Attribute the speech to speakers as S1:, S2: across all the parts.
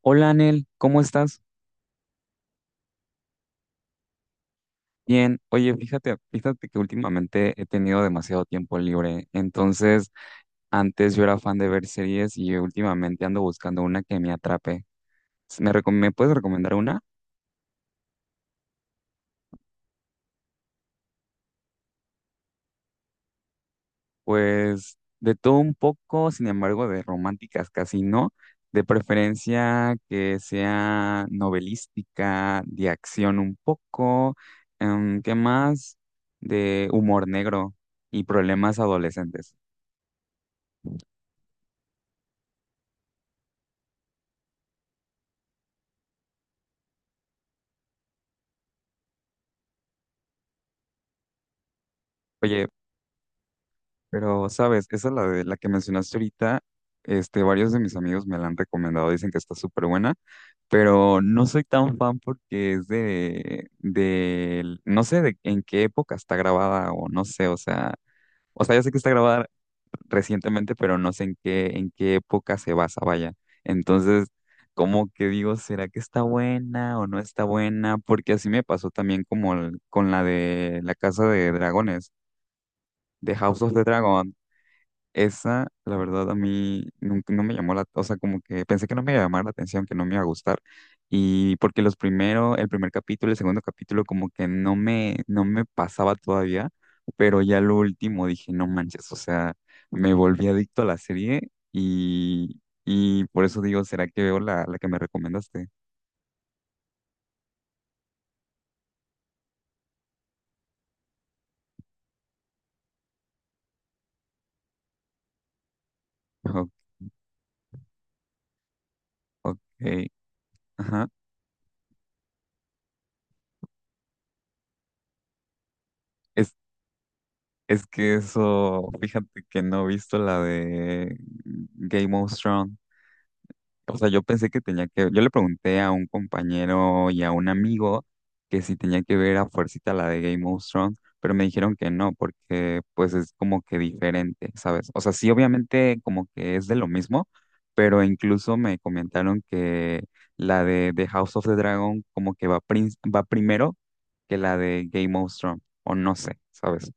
S1: Hola, Anel, ¿cómo estás? Bien. Oye, fíjate que últimamente he tenido demasiado tiempo libre. Entonces, antes yo era fan de ver series y últimamente ando buscando una que me atrape. ¿Me puedes recomendar una? Pues de todo un poco, sin embargo, de románticas casi no. De preferencia que sea novelística, de acción un poco. ¿Qué más? De humor negro y problemas adolescentes. Oye, pero, ¿sabes? Esa es la de la que mencionaste ahorita. Este, varios de mis amigos me la han recomendado, dicen que está súper buena, pero no soy tan fan porque es no sé de en qué época está grabada o no sé, o sea, ya sé que está grabada recientemente, pero no sé en qué época se basa, vaya. Entonces, como que digo, ¿será que está buena o no está buena? Porque así me pasó también con la de la Casa de Dragones, de House of the Dragon. Esa, la verdad, a mí nunca, no me llamó la, o sea, como que pensé que no me iba a llamar la atención, que no me iba a gustar. Y porque los primero el primer capítulo, el segundo capítulo, como que no me pasaba todavía, pero ya lo último dije, no manches, o sea, me volví adicto a la serie y por eso digo, ¿será que veo la que me recomendaste? O- Ok, ajá. Es, es que eso, fíjate que no he visto la de Game of Thrones. O sea, yo pensé que tenía que, yo le pregunté a un compañero y a un amigo que si tenía que ver a fuercita la de Game of Thrones, pero me dijeron que no, porque pues es como que diferente, ¿sabes? O sea, sí, obviamente como que es de lo mismo, pero incluso me comentaron que la de House of the Dragon como que va, va primero que la de Game of Thrones, o no sé, ¿sabes?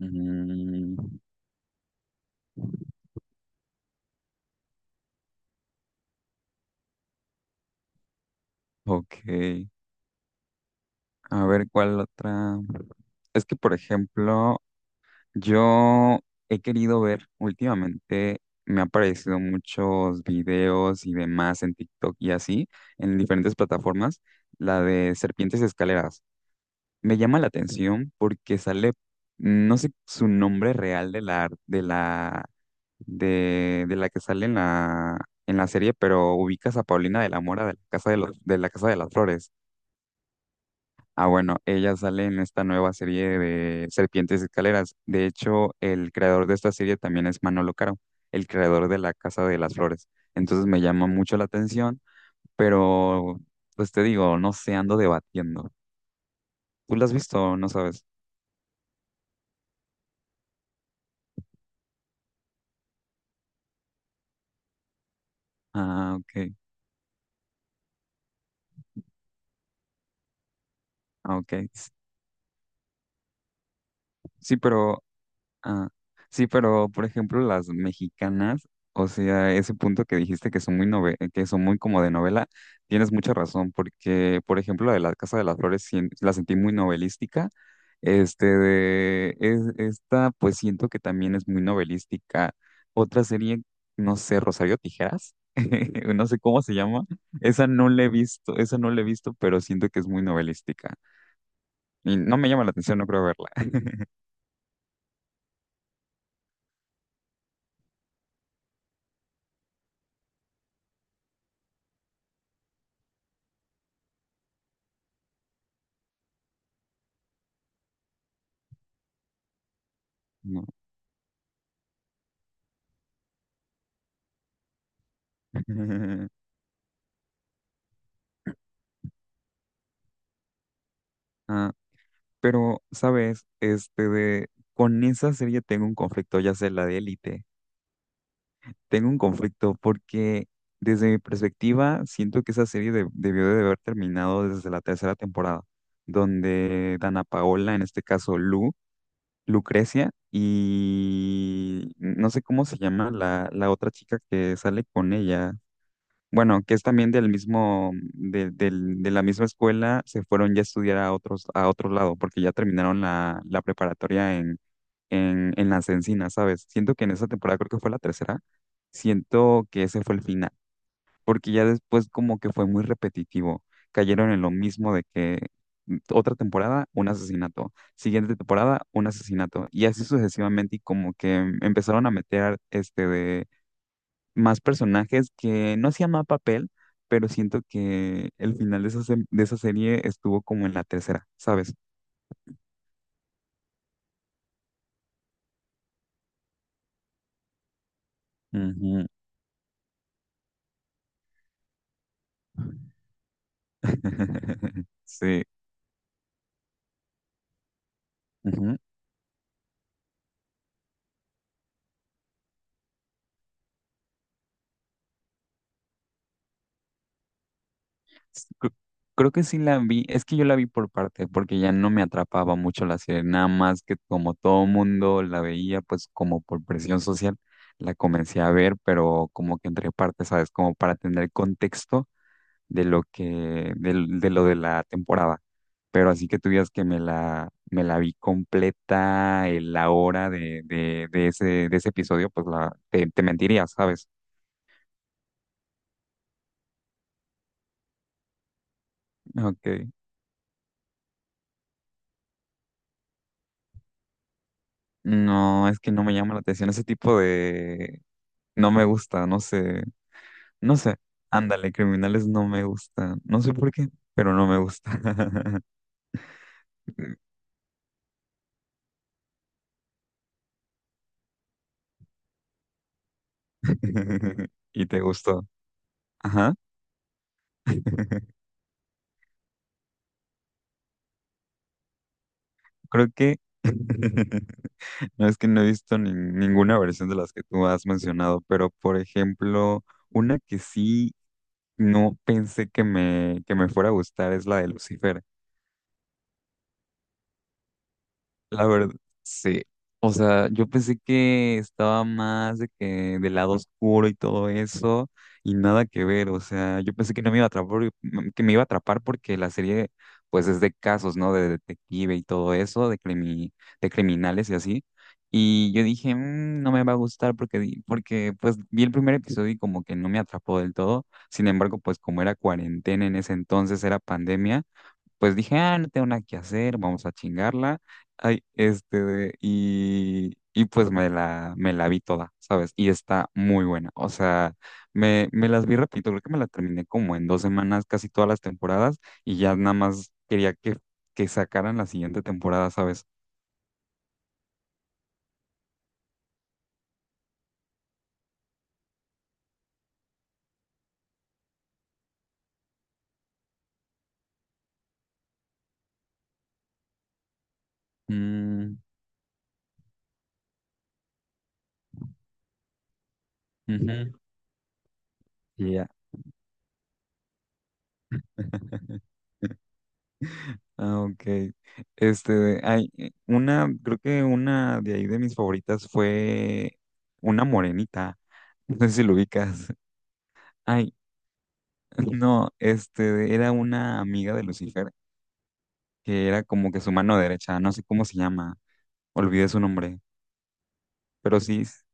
S1: Mm, ok. A ver, ¿cuál otra? Es que, por ejemplo, yo he querido ver últimamente, me han aparecido muchos videos y demás en TikTok y así, en diferentes plataformas, la de Serpientes y Escaleras. Me llama la atención porque sale, no sé su nombre real de la que sale en en la serie, pero ubicas a Paulina de la Mora de la Casa de de la Casa de las Flores. Ah, bueno, ella sale en esta nueva serie de Serpientes y Escaleras. De hecho, el creador de esta serie también es Manolo Caro, el creador de La Casa de las Flores. Entonces me llama mucho la atención, pero pues te digo, no sé, ando debatiendo. ¿Tú la has visto? ¿O no sabes? Ah, ok, ah, ok. S- sí, pero ah, sí, pero por ejemplo las mexicanas, o sea, ese punto que dijiste que son muy que son muy como de novela, tienes mucha razón, porque por ejemplo la de la Casa de las Flores la sentí muy novelística, este de es, esta pues siento que también es muy novelística. Otra serie, no sé, Rosario Tijeras, no sé cómo se llama, esa no la he visto, pero siento que es muy novelística y no me llama la atención, no creo verla. No. Pero, ¿sabes? Este de con esa serie tengo un conflicto, ya sea la de Élite. Tengo un conflicto porque desde mi perspectiva siento que esa serie debió de haber terminado desde la tercera temporada, donde Dana Paola, en este caso Lucrecia y no sé cómo se llama la otra chica que sale con ella. Bueno, que es también del mismo, de la misma escuela, se fueron ya a estudiar a a otro lado, porque ya terminaron la preparatoria en Las Encinas, ¿sabes? Siento que en esa temporada, creo que fue la tercera, siento que ese fue el final, porque ya después como que fue muy repetitivo, cayeron en lo mismo de que otra temporada, un asesinato, siguiente temporada, un asesinato, y así sucesivamente, y como que empezaron a meter este más personajes que no hacía más papel, pero siento que el final de esa, de esa serie estuvo como en la tercera, ¿sabes? Ujú. Sí. Ujú. S- cre- Creo que sí la vi, es que yo la vi por parte, porque ya no me atrapaba mucho la serie, nada más que como todo mundo la veía, pues como por presión social, la comencé a ver, pero como que entre partes, ¿sabes? Como para tener contexto de lo que, lo de la temporada. Pero así que tú digas que me me la vi completa, la hora de ese episodio, pues te mentiría, ¿sabes? Ok. No, es que no me llama la atención ese tipo de... No me gusta, no sé, no sé. Ándale, criminales no me gusta. No sé por qué, pero no me gusta. Y te gustó. Ajá. Creo que no es que no he visto ninguna versión de las que tú has mencionado, pero por ejemplo, una que sí no pensé que que me fuera a gustar es la de Lucifer. La verdad, sí. O sea, yo pensé que estaba más de que del lado oscuro y todo eso, y nada que ver. O sea, yo pensé que no me iba a atrapar, que me iba a atrapar porque la serie, pues, es de casos, ¿no? De detective y todo eso, de criminales y así. Y yo dije, "Mm, no me va a gustar porque, porque, pues, vi el primer episodio y como que no me atrapó del todo. Sin embargo, pues, como era cuarentena en ese entonces, era pandemia, pues dije, ah, no tengo nada que hacer, vamos a chingarla. Ay, este, y pues me me la vi toda, ¿sabes? Y está muy buena. O sea, me las vi rapidito, creo que me la terminé como en 2 semanas, casi todas las temporadas, y ya nada más quería que sacaran la siguiente temporada, ¿sabes? Mm, ujú, y ya. Ah, ok. Este, hay una, creo que una de ahí de mis favoritas fue una morenita. No sé si lo ubicas. Ay, no, este, era una amiga de Lucifer, que era como que su mano derecha, no sé cómo se llama, olvidé su nombre, pero sí, s-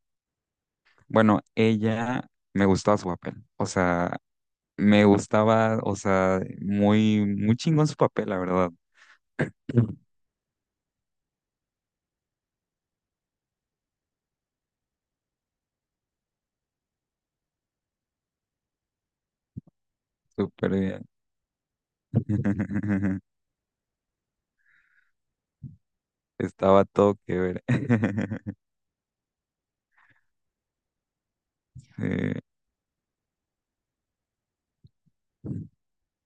S1: bueno, ella me gustaba su papel, o sea, me gustaba, o sea, muy chingón su papel, la verdad, súper bien, estaba todo que ver. Sí.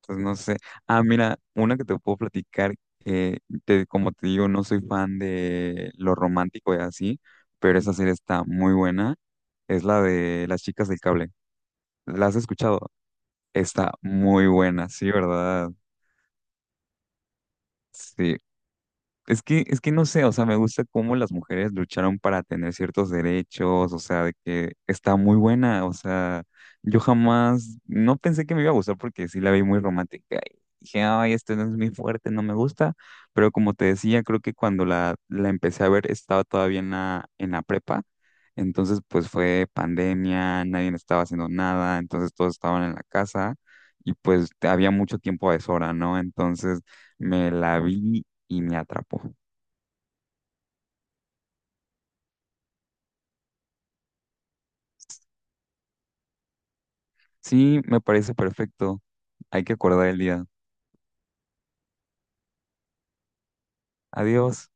S1: Pues no sé. Ah, mira, una que te puedo platicar, eh, como te digo, no soy fan de lo romántico y así, pero esa serie está muy buena. Es la de Las Chicas del Cable. ¿La has escuchado? Está muy buena, sí, ¿verdad? Sí, es que no sé, o sea, me gusta cómo las mujeres lucharon para tener ciertos derechos, o sea, de que está muy buena, o sea, yo jamás, no pensé que me iba a gustar porque sí la vi muy romántica y dije, ay, este no es muy fuerte, no me gusta, pero como te decía, creo que cuando la empecé a ver estaba todavía en en la prepa, entonces pues fue pandemia, nadie estaba haciendo nada, entonces todos estaban en la casa y pues había mucho tiempo a deshora, ¿no? Entonces... Me la vi y me atrapó. Sí, me parece perfecto. Hay que acordar el día. Adiós.